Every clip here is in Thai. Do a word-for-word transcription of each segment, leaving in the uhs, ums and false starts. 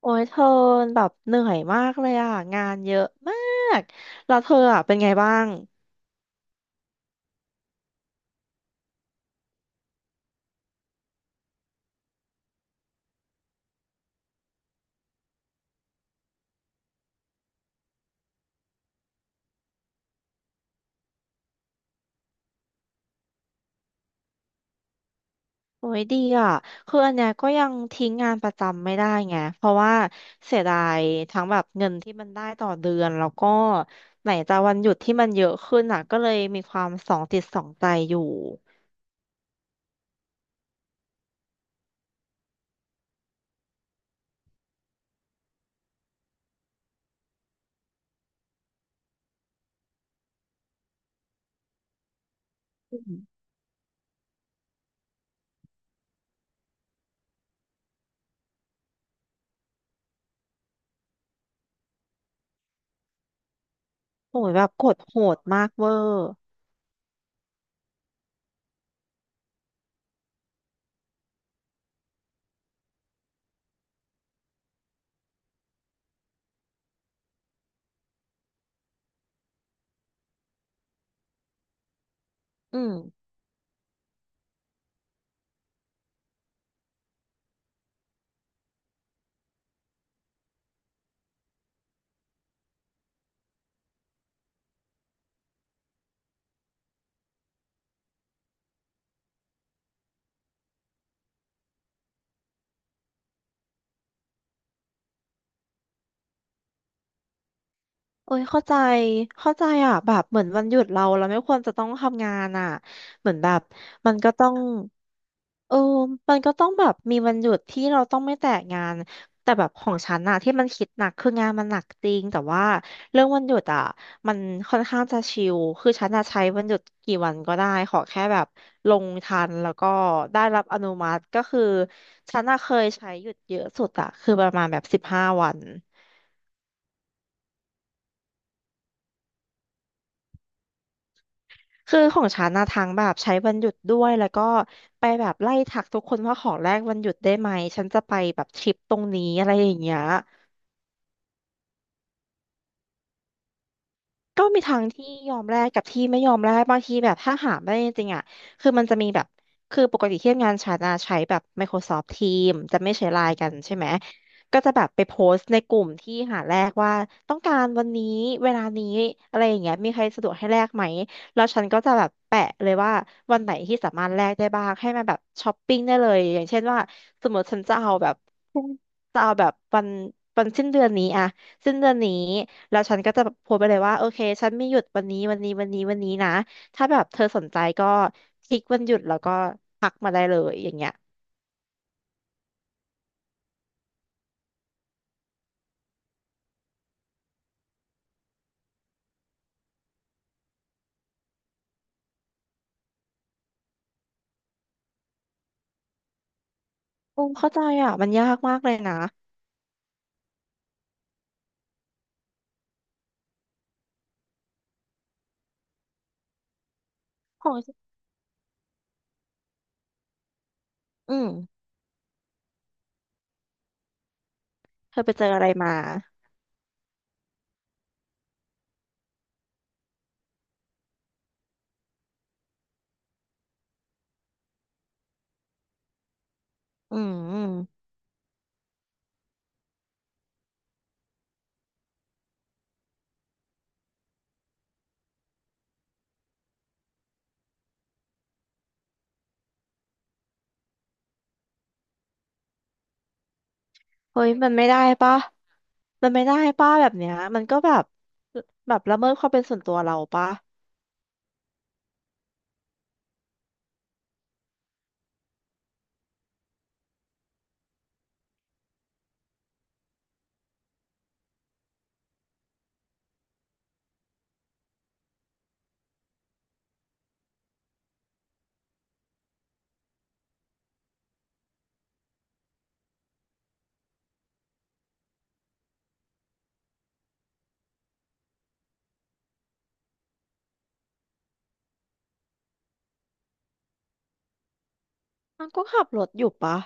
โอ้ยเธอแบบเหนื่อยมากเลยอ่ะงานเยอะมากแล้วเธออ่ะเป็นไงบ้างโอ้ยดีอ่ะคืออันเนี้ยก็ยังทิ้งงานประจำไม่ได้ไงเพราะว่าเสียดายทั้งแบบเงินที่มันได้ต่อเดือนแล้วก็ไหนจะวันหยุดที่มันเยอะขึ้นอ่ะก็เลยมีความสองจิตสองใจอยู่อืมโอ้ยแบบกดโหดมากเวอร์อืมโอ้ยเข้าใจเข้าใจอ่ะแบบเหมือนวันหยุดเราเราไม่ควรจะต้องทำงานอ่ะเหมือนแบบมันก็ต้อง เออมันก็ต้องแบบมีวันหยุดที่เราต้องไม่แตะงานแต่แบบของฉันอะที่มันคิดหนักคืองานมันหนักจริงแต่ว่าเรื่องวันหยุดอะมันค่อนข้างจะชิลคือฉันอะใช้วันหยุดกี่วันก็ได้ขอแค่แบบลงทันแล้วก็ได้รับอนุมัติก็คือฉันอะเคยใช้หยุดเยอะสุดอะคือประมาณแบบสิบห้าวันคือของฉันนะทั้งแบบใช้วันหยุดด้วยแล้วก็ไปแบบไล่ทักทุกคนว่าขอแลกวันหยุดได้ไหมฉันจะไปแบบทริปตรงนี้อะไรอย่างเงี้ย ก็มีทางที่ยอมแลกกับที่ไม่ยอมแลกบางทีแบบถ้าหาไม่ได้จริงๆอ่ะคือมันจะมีแบบคือปกติที่ทำงานฉันอะใช้แบบ Microsoft Teams จะไม่ใช้ไลน์กันใช่ไหมก็จะแบบไปโพสต์ในกลุ่มที่หาแลกว่าต้องการวันนี้เวลานี้อะไรอย่างเงี้ยมีใครสะดวกให้แลกไหมแล้วฉันก็จะแบบแปะเลยว่าวันไหนที่สามารถแลกได้บ้างให้มันแบบช้อปปิ้งได้เลยอย่างเช่นว่าสมมติฉันจะเอาแบบจะเอาแบบวันวันสิ้นเดือนนี้อะสิ้นเดือนนี้ แล้วฉันก็จะแบบโพสต์ไปเลยว่าโอเคฉันมีหยุดวันนี้วันนี้วันนี้วันนี้นะถ้าแบบเธอสนใจก็คลิกวันหยุดแล้วก็พักมาได้เลยอย่างเงี้ยอืมเข้าใจอ่ะมันยากมากเลยนะของอืมเธอไปเจออะไรมาอืมเฮ้ยมันไม่ได้ปะมันไม่ได้ปะแบบเนี้ยมันก็แบบแบบละเมิดความเป็นส่วนตัวเราปะมันก็ขับรถอยู่ปะ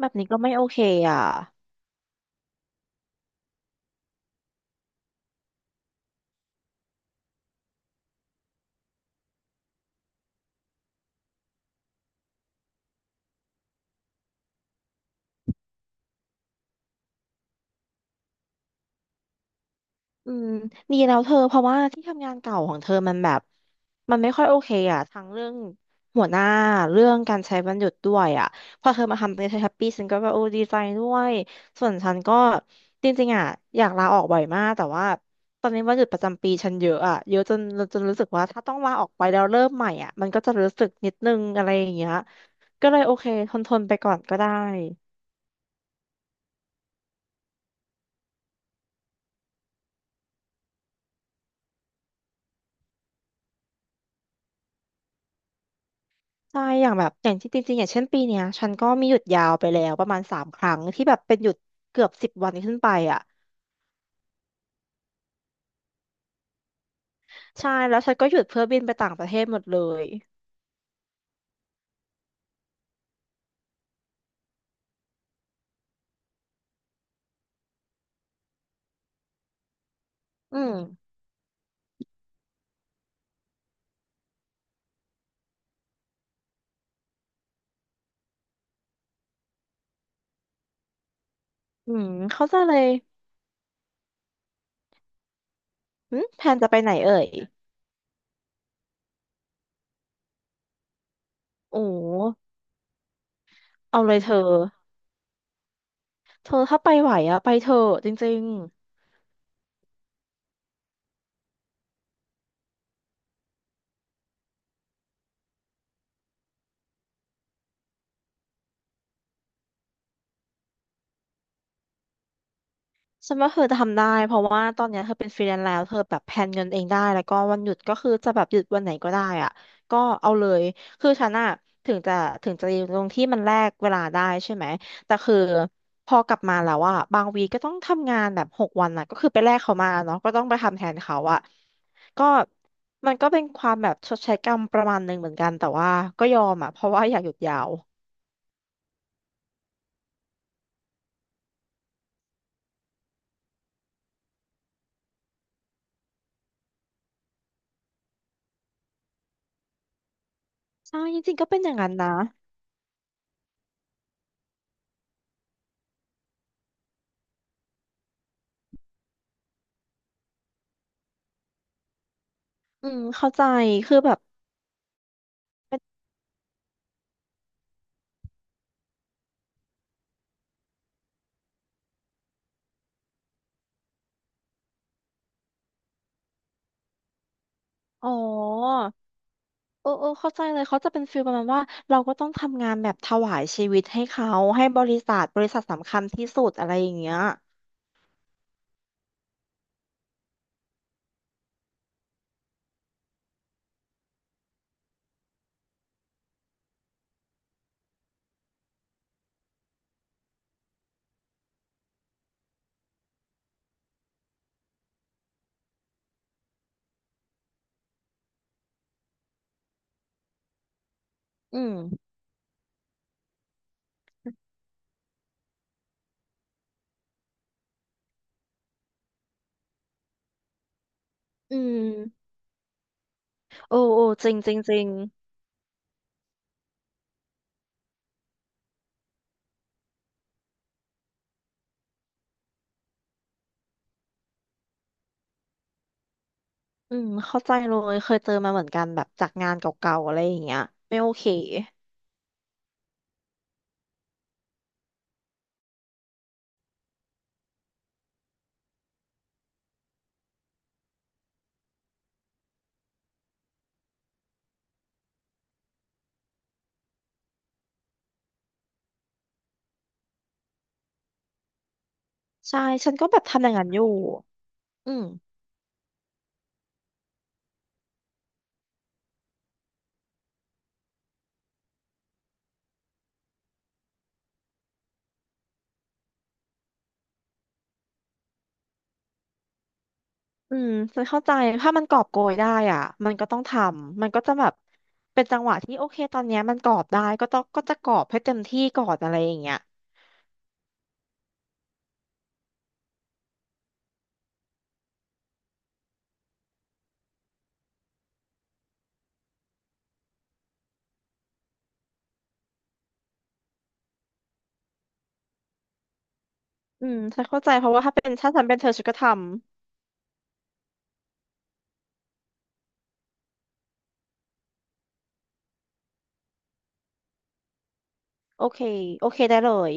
แบบนี้ก็ไม่โอเคอ่ะ อืมดีแล้วเธอเพราะว่าที่ทำงานเก่าของเธอมันแบบมันไม่ค่อยโอเคอ่ะทั้งเรื่องหัวหน้าเรื่องการใช้วันหยุดด้วยอ่ะพอเธอมาทำเป็นแฮปปี้ฉันก็แบบโอ้ดีใจด้วยส่วนฉันก็จริงๆอ่ะอยากลาออกบ่อยมากแต่ว่าตอนนี้วันหยุดประจำปีฉันเยอะอ่ะเยอะจนจนรู้สึกว่าถ้าต้องลาออกไปแล้วเริ่มใหม่อ่ะมันก็จะรู้สึกนิดนึงอะไรอย่างเงี้ยก็เลยโอเคทนทนไปก่อนก็ได้ ใช่ อย่างแบบอย่างที่จริงๆอย่างเช่นปีเนี้ยฉันก็มีหยุดยาวไปแล้วประมาณสามครั้งที่แบบเป็นหยุดเกือบสิบวันขึ้นไปอ่ะใช่แล้วฉันก็หยุดเพื่อบินไปต่างประเทศหมดเลยอืมอืมเขาใจะเลยอืมแพนจะไปไหนเอ่ยโอ้เอาเลยเธอเธอถ้าไปไหวอ่ะไปเถอะจริง ฉันว่าเธอจะทำได้เพราะว่าตอนเนี้ยเธอเป็นฟรีแลนซ์แล้วเธอแบบแพลนเงินเองได้แล้วก็วันหยุดก็คือจะแบบหยุดวันไหนก็ได้อ่ะก็เอาเลยคือฉันอะถึงจะถึงจะอยู่ตรงที่มันแลกเวลาได้ใช่ไหมแต่คือพอกลับมาแล้วอ่ะบางวีก็ต้องทำงานแบบหกวันอ่ะก็คือไปแลกเขามาเนาะก็ต้องไปทำแทนเขาอ่ะก็มันก็เป็นความแบบชดใช้กรรมประมาณหนึ่งเหมือนกันแต่ว่าก็ยอมอ่ะเพราะว่าอยากหยุดยาวใช่จริงๆก็เป็นอย่างนั้นนะอืมเข้าใจคือแบบเป็นอ๋อ เออเออเข้าใจเลยเขาจะเป็นฟีลประมาณว่าเราก็ต้องทำงานแบบถวายชีวิตให้เขาให้บริษัทบริษัทสำคัญที่สุดอะไรอย่างเงี้ยอืมอืมโอ้โอ้จริงจริงจริงอืมเข้าใจเลยเคยเจอมาเหมือนกันแบบจากงานเก่าๆอะไรอย่างเงี้ยไม่โอเคใช่ฉันก็แบบทำอย่างนั้นอยู่อืมอืมฉันเข้าใจถ้ามันกอบโกยได้อ่ะมันก็ต้องทำมันก็จะแบบเป็นจังหวะที่โอเคตอนเนี้ยมันกอบได้ก็ต้องก็จะกอบให้เต็มที่ก่อนอะไรอย่างเงี้ย อืมฉันเข้าใจเพราะว่าถ้าเป็นถ้าฉันเป็นเธอฉันก็ทำโอเคโอเคได้เลย